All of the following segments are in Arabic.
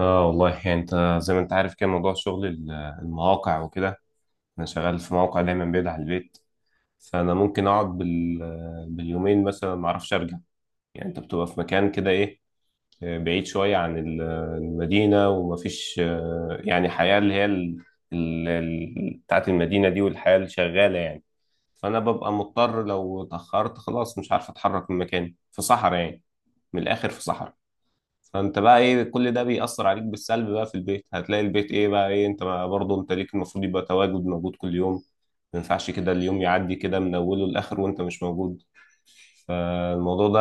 اه والله يعني انت زي ما انت عارف كده، موضوع شغل المواقع وكده. انا شغال في موقع دايما بعيد عن البيت، فانا ممكن اقعد باليومين مثلا ما اعرفش ارجع. يعني انت بتبقى في مكان كده، ايه، بعيد شويه عن المدينه، ومفيش يعني حياه اللي هي بتاعت المدينه دي والحياه اللي شغاله يعني. فانا ببقى مضطر لو اتاخرت، خلاص مش عارف اتحرك من مكاني، في صحراء يعني. من الاخر، في صحراء. فانت بقى، ايه، كل ده بيأثر عليك بالسلب. بقى في البيت هتلاقي البيت ايه بقى، ايه، انت بقى برضه انت ليك المفروض يبقى تواجد موجود كل يوم. ما ينفعش كده اليوم يعدي كده من اوله لاخره وانت مش موجود. فالموضوع ده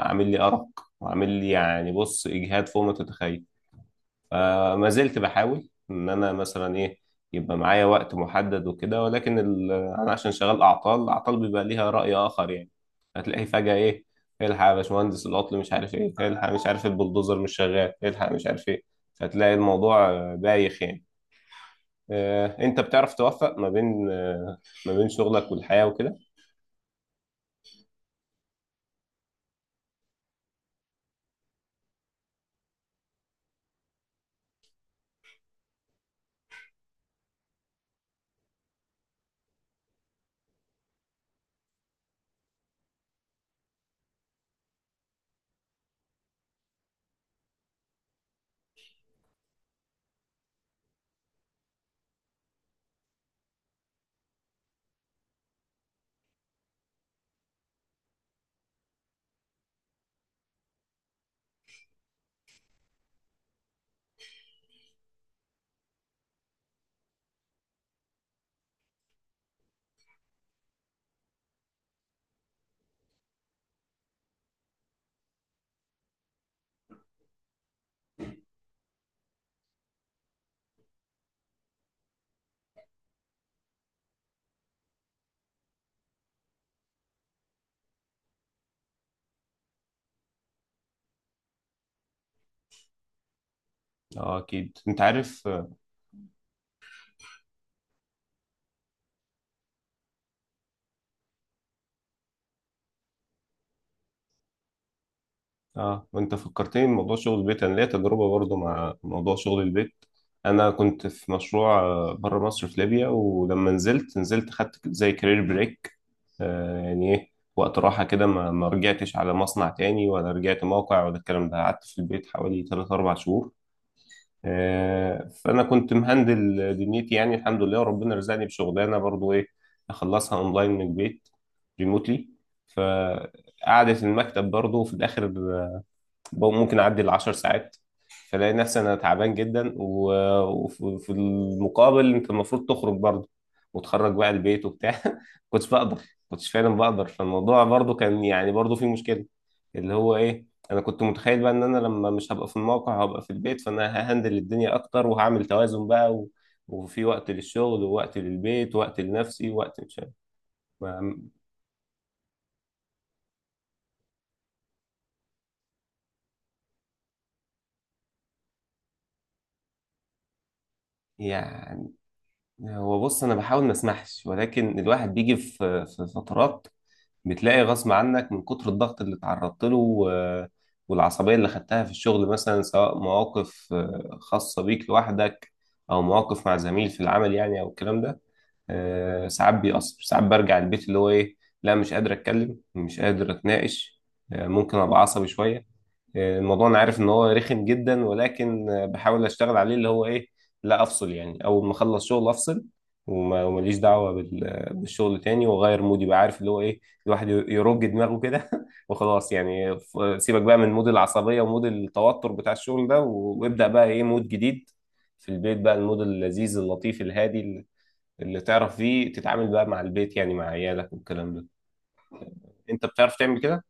عامل لي ارق، وعامل لي يعني، بص، اجهاد فوق ما تتخيل. فما زلت بحاول ان انا مثلا ايه، يبقى معايا وقت محدد وكده، ولكن انا عشان شغال اعطال، الاعطال بيبقى ليها راي اخر يعني. هتلاقيه فجاه، ايه، الحق يا باشمهندس العطل مش عارف ايه، الحق مش عارف البلدوزر مش شغال، الحق مش عارف ايه. فتلاقي الموضوع بايخ يعني. انت بتعرف توفق ما بين، ما بين شغلك والحياه وكده. اه اكيد انت عارف. اه، وانت فكرتني بموضوع شغل البيت. انا ليا تجربه برضو مع موضوع شغل البيت. انا كنت في مشروع بره مصر في ليبيا، ولما نزلت نزلت خدت زي كارير بريك، آه، يعني ايه، وقت راحه كده. ما رجعتش على مصنع تاني، ولا رجعت موقع ولا الكلام ده. قعدت في البيت حوالي 3 4 شهور. آه، فانا كنت مهندل دنيتي يعني، الحمد لله. وربنا رزقني بشغلانه برضو، ايه، اخلصها اونلاين من البيت، ريموتلي. ف قعدة المكتب برضه في الآخر ممكن اعدي العشر ساعات. فلاقي نفسي انا تعبان جدا، وفي المقابل انت المفروض تخرج برضه وتخرج بقى البيت وبتاع. كنتش بقدر، كنتش فعلا بقدر. فالموضوع برضه كان يعني برضه فيه مشكلة، اللي هو ايه، انا كنت متخيل بقى ان انا لما مش هبقى في الموقع هبقى في البيت، فانا ههندل الدنيا اكتر وهعمل توازن بقى، وفي وقت للشغل ووقت للبيت ووقت لنفسي ووقت مش عارف. ما- يعني هو بص، انا بحاول ما اسمحش، ولكن الواحد بيجي في فترات بتلاقي غصب عنك من كتر الضغط اللي اتعرضت له، والعصبية اللي خدتها في الشغل، مثلا سواء مواقف خاصة بيك لوحدك أو مواقف مع زميل في العمل يعني أو الكلام ده. ساعات بيأثر. ساعات برجع البيت اللي هو ايه، لا مش قادر اتكلم، مش قادر اتناقش. ممكن ابقى عصبي شويه. الموضوع انا عارف ان هو رخم جدا، ولكن بحاول اشتغل عليه اللي هو ايه، لا افصل يعني. اول ما اخلص شغل افصل، ومليش دعوه بالشغل تاني، واغير مودي بقى، عارف، اللي هو ايه، الواحد يرج دماغه كده وخلاص يعني. سيبك بقى من مود العصبيه ومود التوتر بتاع الشغل ده، وابدا بقى ايه، مود جديد في البيت بقى، المود اللذيذ اللطيف الهادي اللي تعرف فيه تتعامل بقى مع البيت يعني، مع عيالك والكلام ده. انت بتعرف تعمل كده؟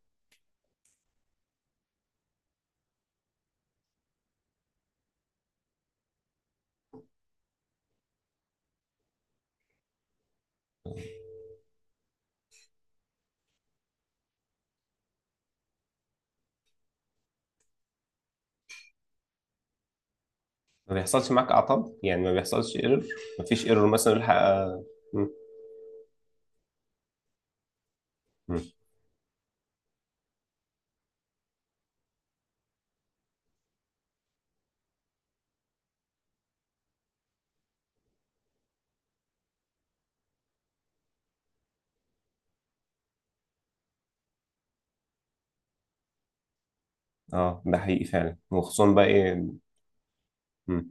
ما بيحصلش معاك اعطال؟ يعني ما بيحصلش ايرور؟ ما فيش ايرور مثلا يلحق آه، م- م. اه، ده حقيقي فعلا، وخصوصا بقى ايه. م-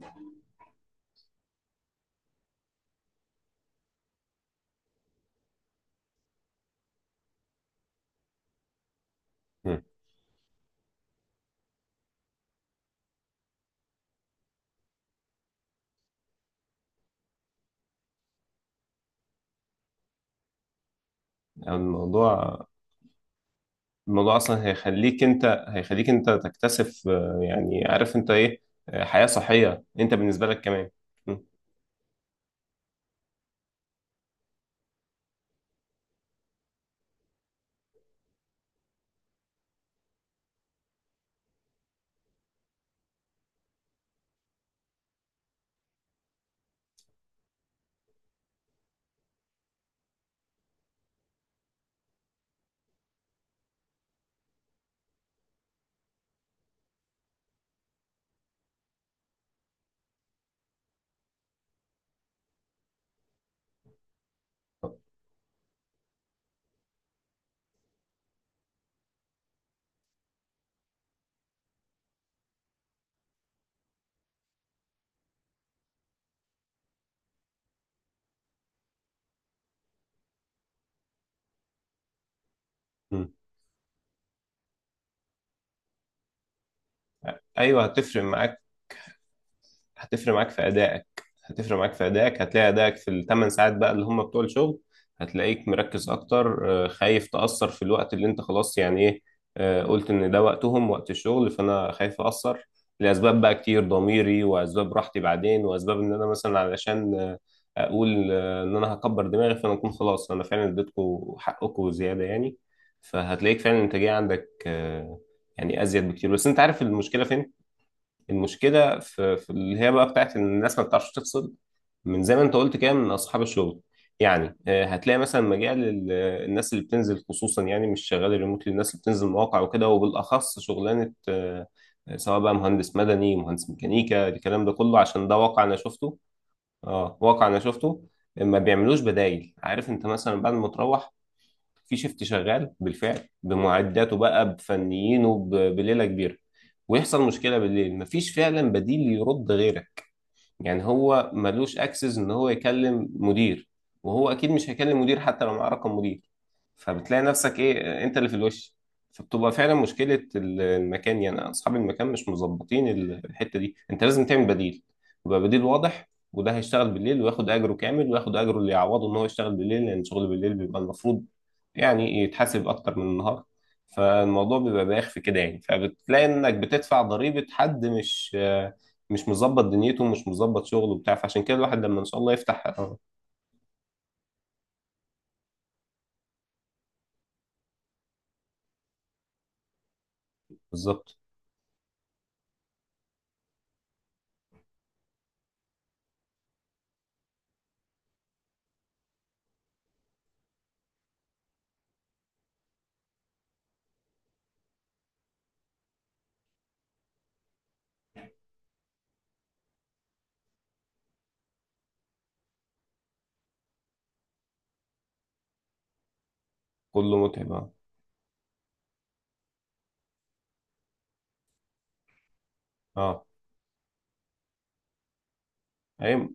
م. يعني الموضوع، الموضوع اصلا هيخليك انت، هيخليك انت تكتسب يعني عارف انت ايه، حياة صحية انت بالنسبة لك كمان. م- م. ايوه هتفرق معاك، هتفرق معاك في ادائك. هتفرق معاك في ادائك. هتلاقي ادائك في الثمان ساعات بقى اللي هم بتوع الشغل هتلاقيك مركز اكتر. خايف تاثر في الوقت اللي انت خلاص يعني ايه، قلت ان ده وقتهم، وقت الشغل، فانا خايف ااثر لاسباب بقى كتير، ضميري، واسباب راحتي بعدين، واسباب ان انا مثلا علشان اقول ان انا هكبر دماغي. فانا اكون خلاص انا فعلا اديتكم حقكم زياده يعني. فهتلاقيك فعلا الانتاجيه عندك يعني ازيد بكتير. بس انت عارف المشكله فين؟ المشكله في اللي هي بقى بتاعت ان الناس ما بتعرفش تفصل. من زي ما انت قلت كده، من اصحاب الشغل يعني. هتلاقي مثلا مجال الناس اللي بتنزل، خصوصا يعني مش شغال ريموتلي، الناس اللي بتنزل مواقع وكده، وبالاخص شغلانه سواء بقى مهندس مدني، مهندس ميكانيكا، الكلام ده كله، عشان ده واقع انا شفته. اه واقع انا شفته. ما بيعملوش بدايل. عارف انت، مثلا بعد ما تروح، في شيفت شغال بالفعل بمعداته بقى، بفنيينه، بليله كبيره، ويحصل مشكله بالليل، مفيش فعلا بديل يرد غيرك. يعني هو ملوش اكسس ان هو يكلم مدير، وهو اكيد مش هيكلم مدير حتى لو معاه رقم مدير. فبتلاقي نفسك ايه، انت اللي في الوش. فبتبقى فعلا مشكلة المكان يعني، اصحاب المكان مش مظبطين الحتة دي. انت لازم تعمل بديل، يبقى بديل واضح، وده هيشتغل بالليل وياخد اجره كامل، وياخد اجره اللي يعوضه ان هو يشتغل بالليل، لان شغل بالليل بيبقى المفروض يعني يتحاسب اكتر من النهار. فالموضوع بيبقى بايخ في كده يعني. فبتلاقي انك بتدفع ضريبة حد مش مظبط دنيته ومش مظبط شغله وبتاع. فعشان كده الواحد لما ان شاء الله يفتح، اه بالظبط. كله متعب، اه. اه، ايوه،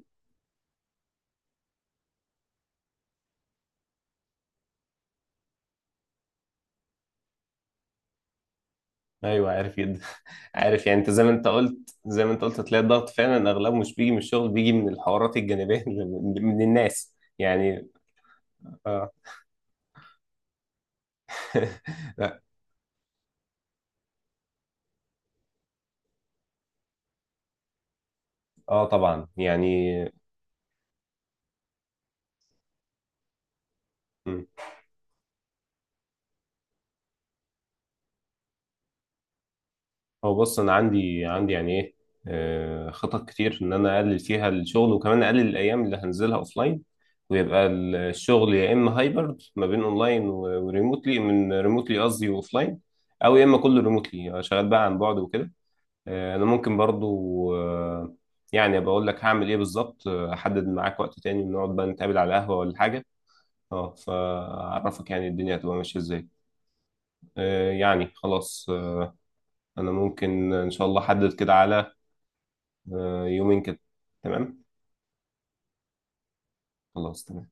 ايوه، عارف جدا. عارف يعني، انت زي ما انت قلت، زي ما انت قلت، هتلاقي الضغط فعلا اغلبه مش بيجي من الشغل، بيجي من الحوارات الجانبيه اللي من الناس يعني. اه. لا، اه طبعا يعني. هو بص، انا عندي يعني ايه، خطط كتير ان انا اقلل فيها الشغل، وكمان اقلل الايام اللي هنزلها اوفلاين، ويبقى الشغل يا اما هايبرد ما بين اونلاين وريموتلي، من ريموتلي قصدي، واوفلاين، او يا اما كله ريموتلي شغال بقى عن بعد وكده. انا ممكن برضو يعني بقول لك هعمل ايه بالظبط. احدد معاك وقت تاني نقعد بقى نتقابل على قهوة ولا حاجة. اه فاعرفك يعني الدنيا هتبقى ماشية ازاي. يعني خلاص، انا ممكن ان شاء الله احدد كده على يومين كده. تمام، خلاص، تمام.